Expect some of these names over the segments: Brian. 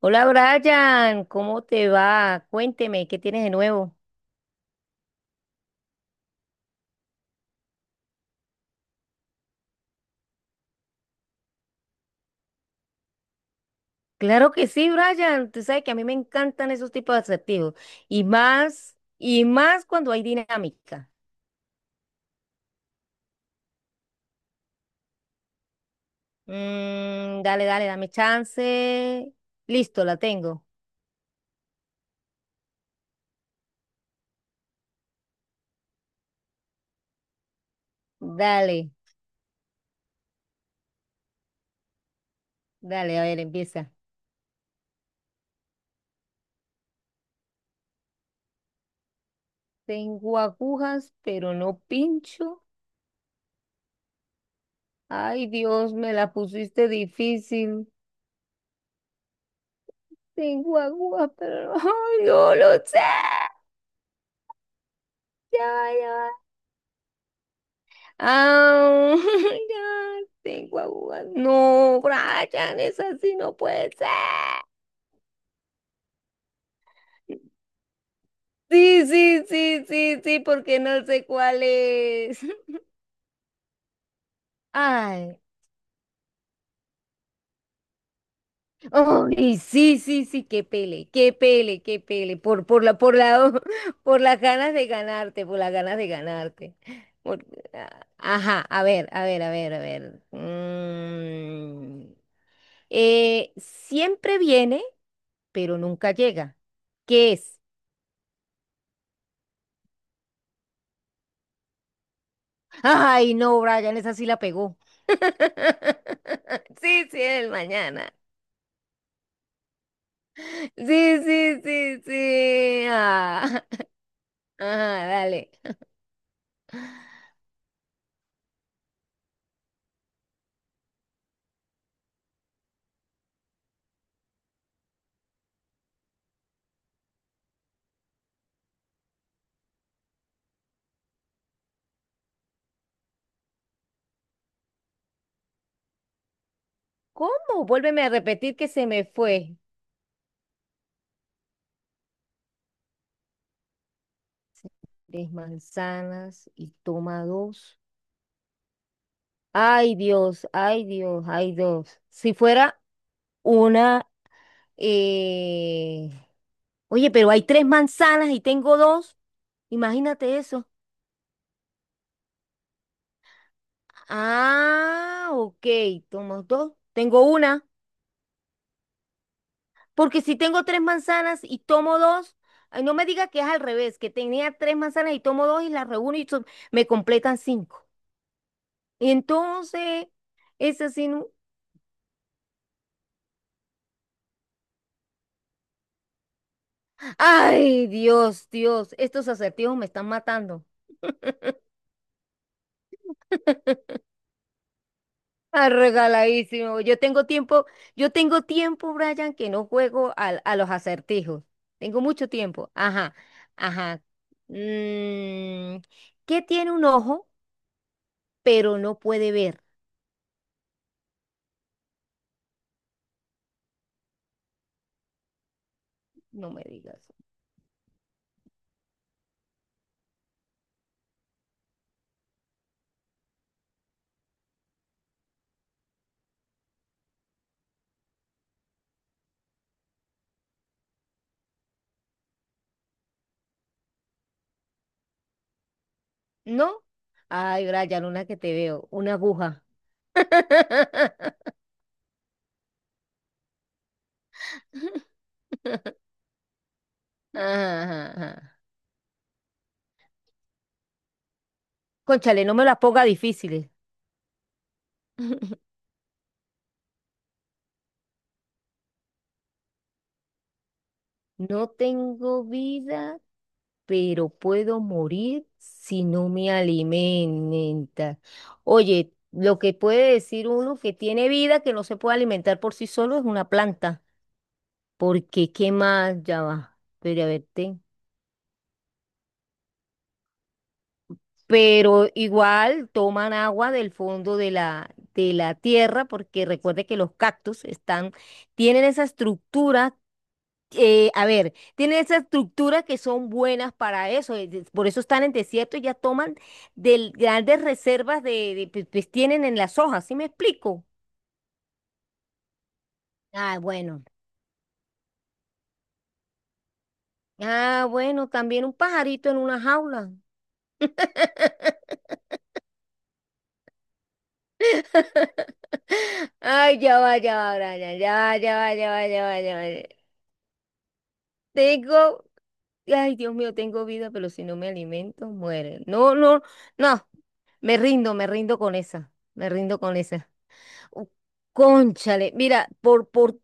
Hola Brian, ¿cómo te va? Cuénteme, ¿qué tienes de nuevo? Claro que sí, Brian. Tú sabes que a mí me encantan esos tipos de atractivos. Y más cuando hay dinámica. Mm, dale, dale, dame chance. Listo, la tengo. Dale, dale, a ver, empieza. Tengo agujas, pero no pincho. Ay, Dios, me la pusiste difícil. Tengo agujas, pero no, yo lo sé. Ya, va, ya va. Ah, ya tengo agujas. No, Brian, es así, no puede ser. Sí, sí, sí, sí, sí, porque no sé cuál es. Ay, ay, sí, sí, sí, qué pele, qué pele, qué pele, por la, por las ganas de ganarte, por las ganas de ganarte. Por- ah, ajá, a ver, a ver, a ver, a ver. Siempre viene, pero nunca llega. ¿Qué es? Ay, no, Brian, esa sí la pegó. Sí, sí, el mañana. Sí, sí, sí, sí. Ah, ah, dale. ¿Cómo? Vuélveme a repetir que se me fue. Tres manzanas y toma dos. Ay, Dios, ay, Dios, ay, Dios. Si fuera una. eh, Oye, pero hay tres manzanas y tengo dos. Imagínate eso. Ah, ok, tomo dos. Tengo una. Porque si tengo tres manzanas y tomo dos, ay, no me diga que es al revés, que tenía tres manzanas y tomo dos y las reúno y me completan cinco. Y entonces, es así, ¿no? Ay, Dios, Dios, estos acertijos me están matando. Ah, regaladísimo. Yo tengo tiempo, Brian, que no juego los acertijos. Tengo mucho tiempo. Ajá, ajá. Mm, ¿Qué tiene un ojo, pero no puede ver? No me digas. ¿No? Ay, Brian, una que te veo, una aguja. Ajá. Cónchale, no me las ponga difíciles. No tengo vida, pero puedo morir si no me alimenta. Oye, lo que puede decir uno que tiene vida, que no se puede alimentar por sí solo, es una planta. Porque, ¿qué más? Ya va. Pero a ver, pero igual toman agua del fondo de la tierra, porque recuerde que los cactus están, tienen esa estructura. A ver, tienen esa estructura que son buenas para eso, por eso están en desierto y ya toman del, grandes reservas pues, tienen en las hojas, ¿sí me explico? Ah, bueno. Ah, bueno, también un pajarito en una jaula. Ay, ya va, Brian, ya va, ya va, ya va, ya va, ya va. Ya va. Tengo Ay, Dios mío, tengo vida, pero si no me alimento, muere. No, no, no, me rindo con esa, me rindo con esa. Uh, Cónchale, mira, por, por,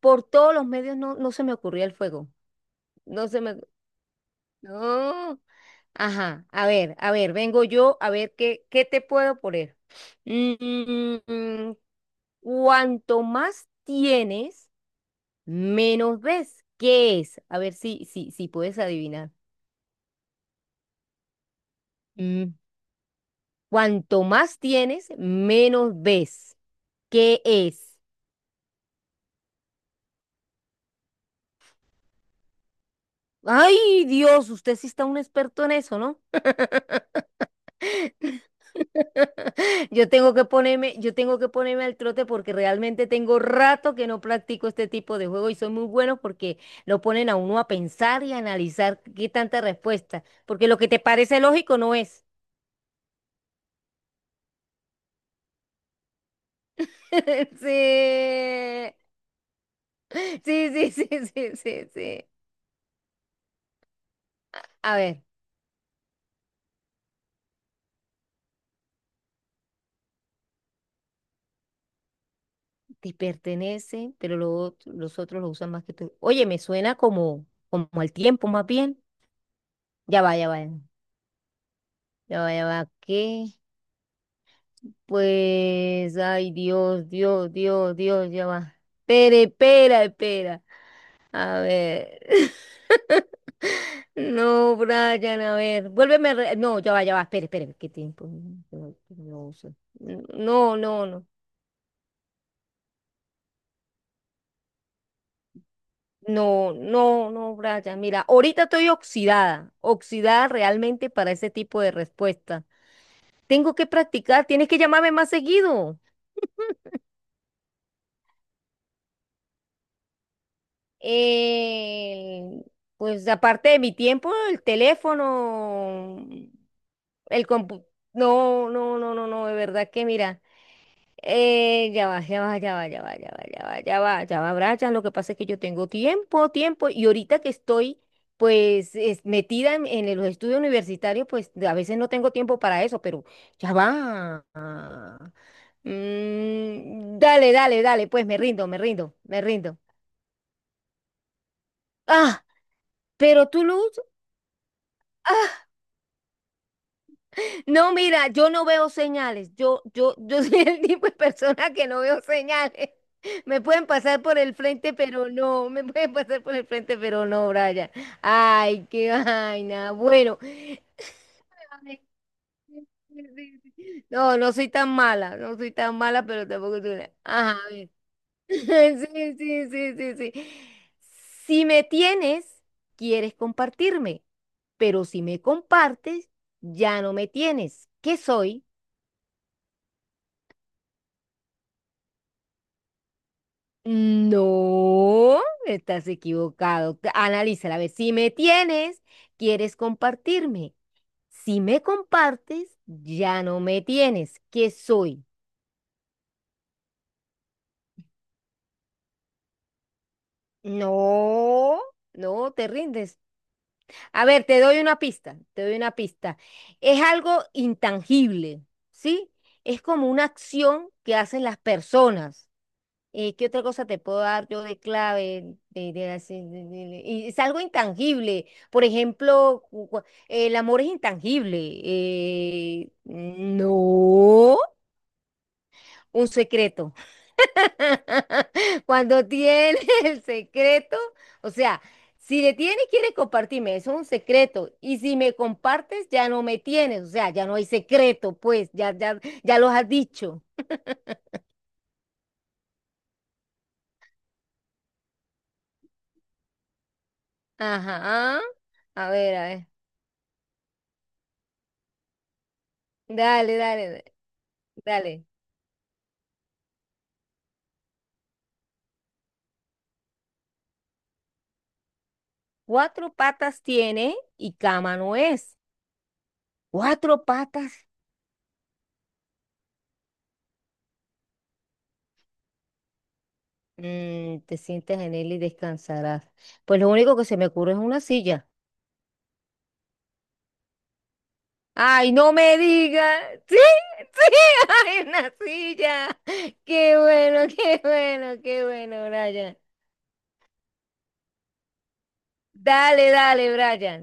por todos los medios no, no se me ocurría el fuego. No se me. No. Ajá, a ver, vengo yo a ver qué te puedo poner. Mm, Cuanto más tienes, menos ves. ¿Qué es? A ver si puedes adivinar. Mm. Cuanto más tienes, menos ves. ¿Qué es? Ay, Dios, usted sí está un experto en eso, ¿no? Yo tengo que ponerme al trote porque realmente tengo rato que no practico este tipo de juego y son muy buenos porque lo ponen a uno a pensar y a analizar qué tanta respuesta, porque lo que te parece lógico no es. Sí, sí, sí, sí, sí, sí, sí. A ver. Te pertenece, pero los otros lo usan más que tú. Oye, me suena como al tiempo más bien. Ya va, ya va, ya va, ya va. ¿Qué? Pues, ay, Dios, Dios, Dios, Dios, ya va. Espera, espera, espera. A ver. No, Brian, a ver. Vuélveme. No, ya va, ya va. Espera, espera. ¿Qué tiempo? No, no, no. Uso. No, no, no. No, no, no, Brian. Mira, ahorita estoy oxidada, oxidada realmente para ese tipo de respuesta. Tengo que practicar, tienes que llamarme más seguido. El- pues aparte de mi tiempo, el teléfono, el compu. No, no, no, no, no, de verdad que mira. Ya va, ya va, ya va, ya va, ya va, ya va, ya va, ya va, Brian. Lo que pasa es que yo tengo tiempo, tiempo, y ahorita que estoy, pues, metida en los estudios universitarios, pues, a veces no tengo tiempo para eso, pero ya va. Mm, dale, dale, dale, pues, me rindo, me rindo, me rindo. Ah, pero tú, Luz. No, mira, yo no veo señales. Yo soy el tipo de persona que no veo señales. Me pueden pasar por el frente, pero no. Me pueden pasar por el frente, pero no, Brian. Ay, qué vaina. Bueno. Ay, sí, sí, sí. No, no soy tan mala. No soy tan mala, pero tampoco soy ajá, a ver. Sí, sí, sí, sí, sí. Si me tienes, quieres compartirme. Pero si me compartes, ya no me tienes. ¿Qué soy? No, estás equivocado. Analízala, a ver, si me tienes, quieres compartirme. Si me compartes, ya no me tienes. ¿Qué soy? No, no, te rindes. A ver, te doy una pista, te doy una pista. Es algo intangible, ¿sí? Es como una acción que hacen las personas. ¿Qué otra cosa te puedo dar yo de clave? De así, y es algo intangible. Por ejemplo, el amor es intangible. No, un secreto. Cuando tienes el secreto, o sea, si le tienes, quieres compartirme, eso es un secreto. Y si me compartes, ya no me tienes, o sea, ya no hay secreto, pues, ya los has dicho. Ajá. A ver, a ver. Dale, dale, dale. Cuatro patas tiene y cama no es. Cuatro patas. Te sientas en él y descansarás. Pues lo único que se me ocurre es una silla. Ay, no me digas. Sí, sí, hay una silla. Qué bueno, qué bueno, qué bueno, Brian. Dale, dale, Brian.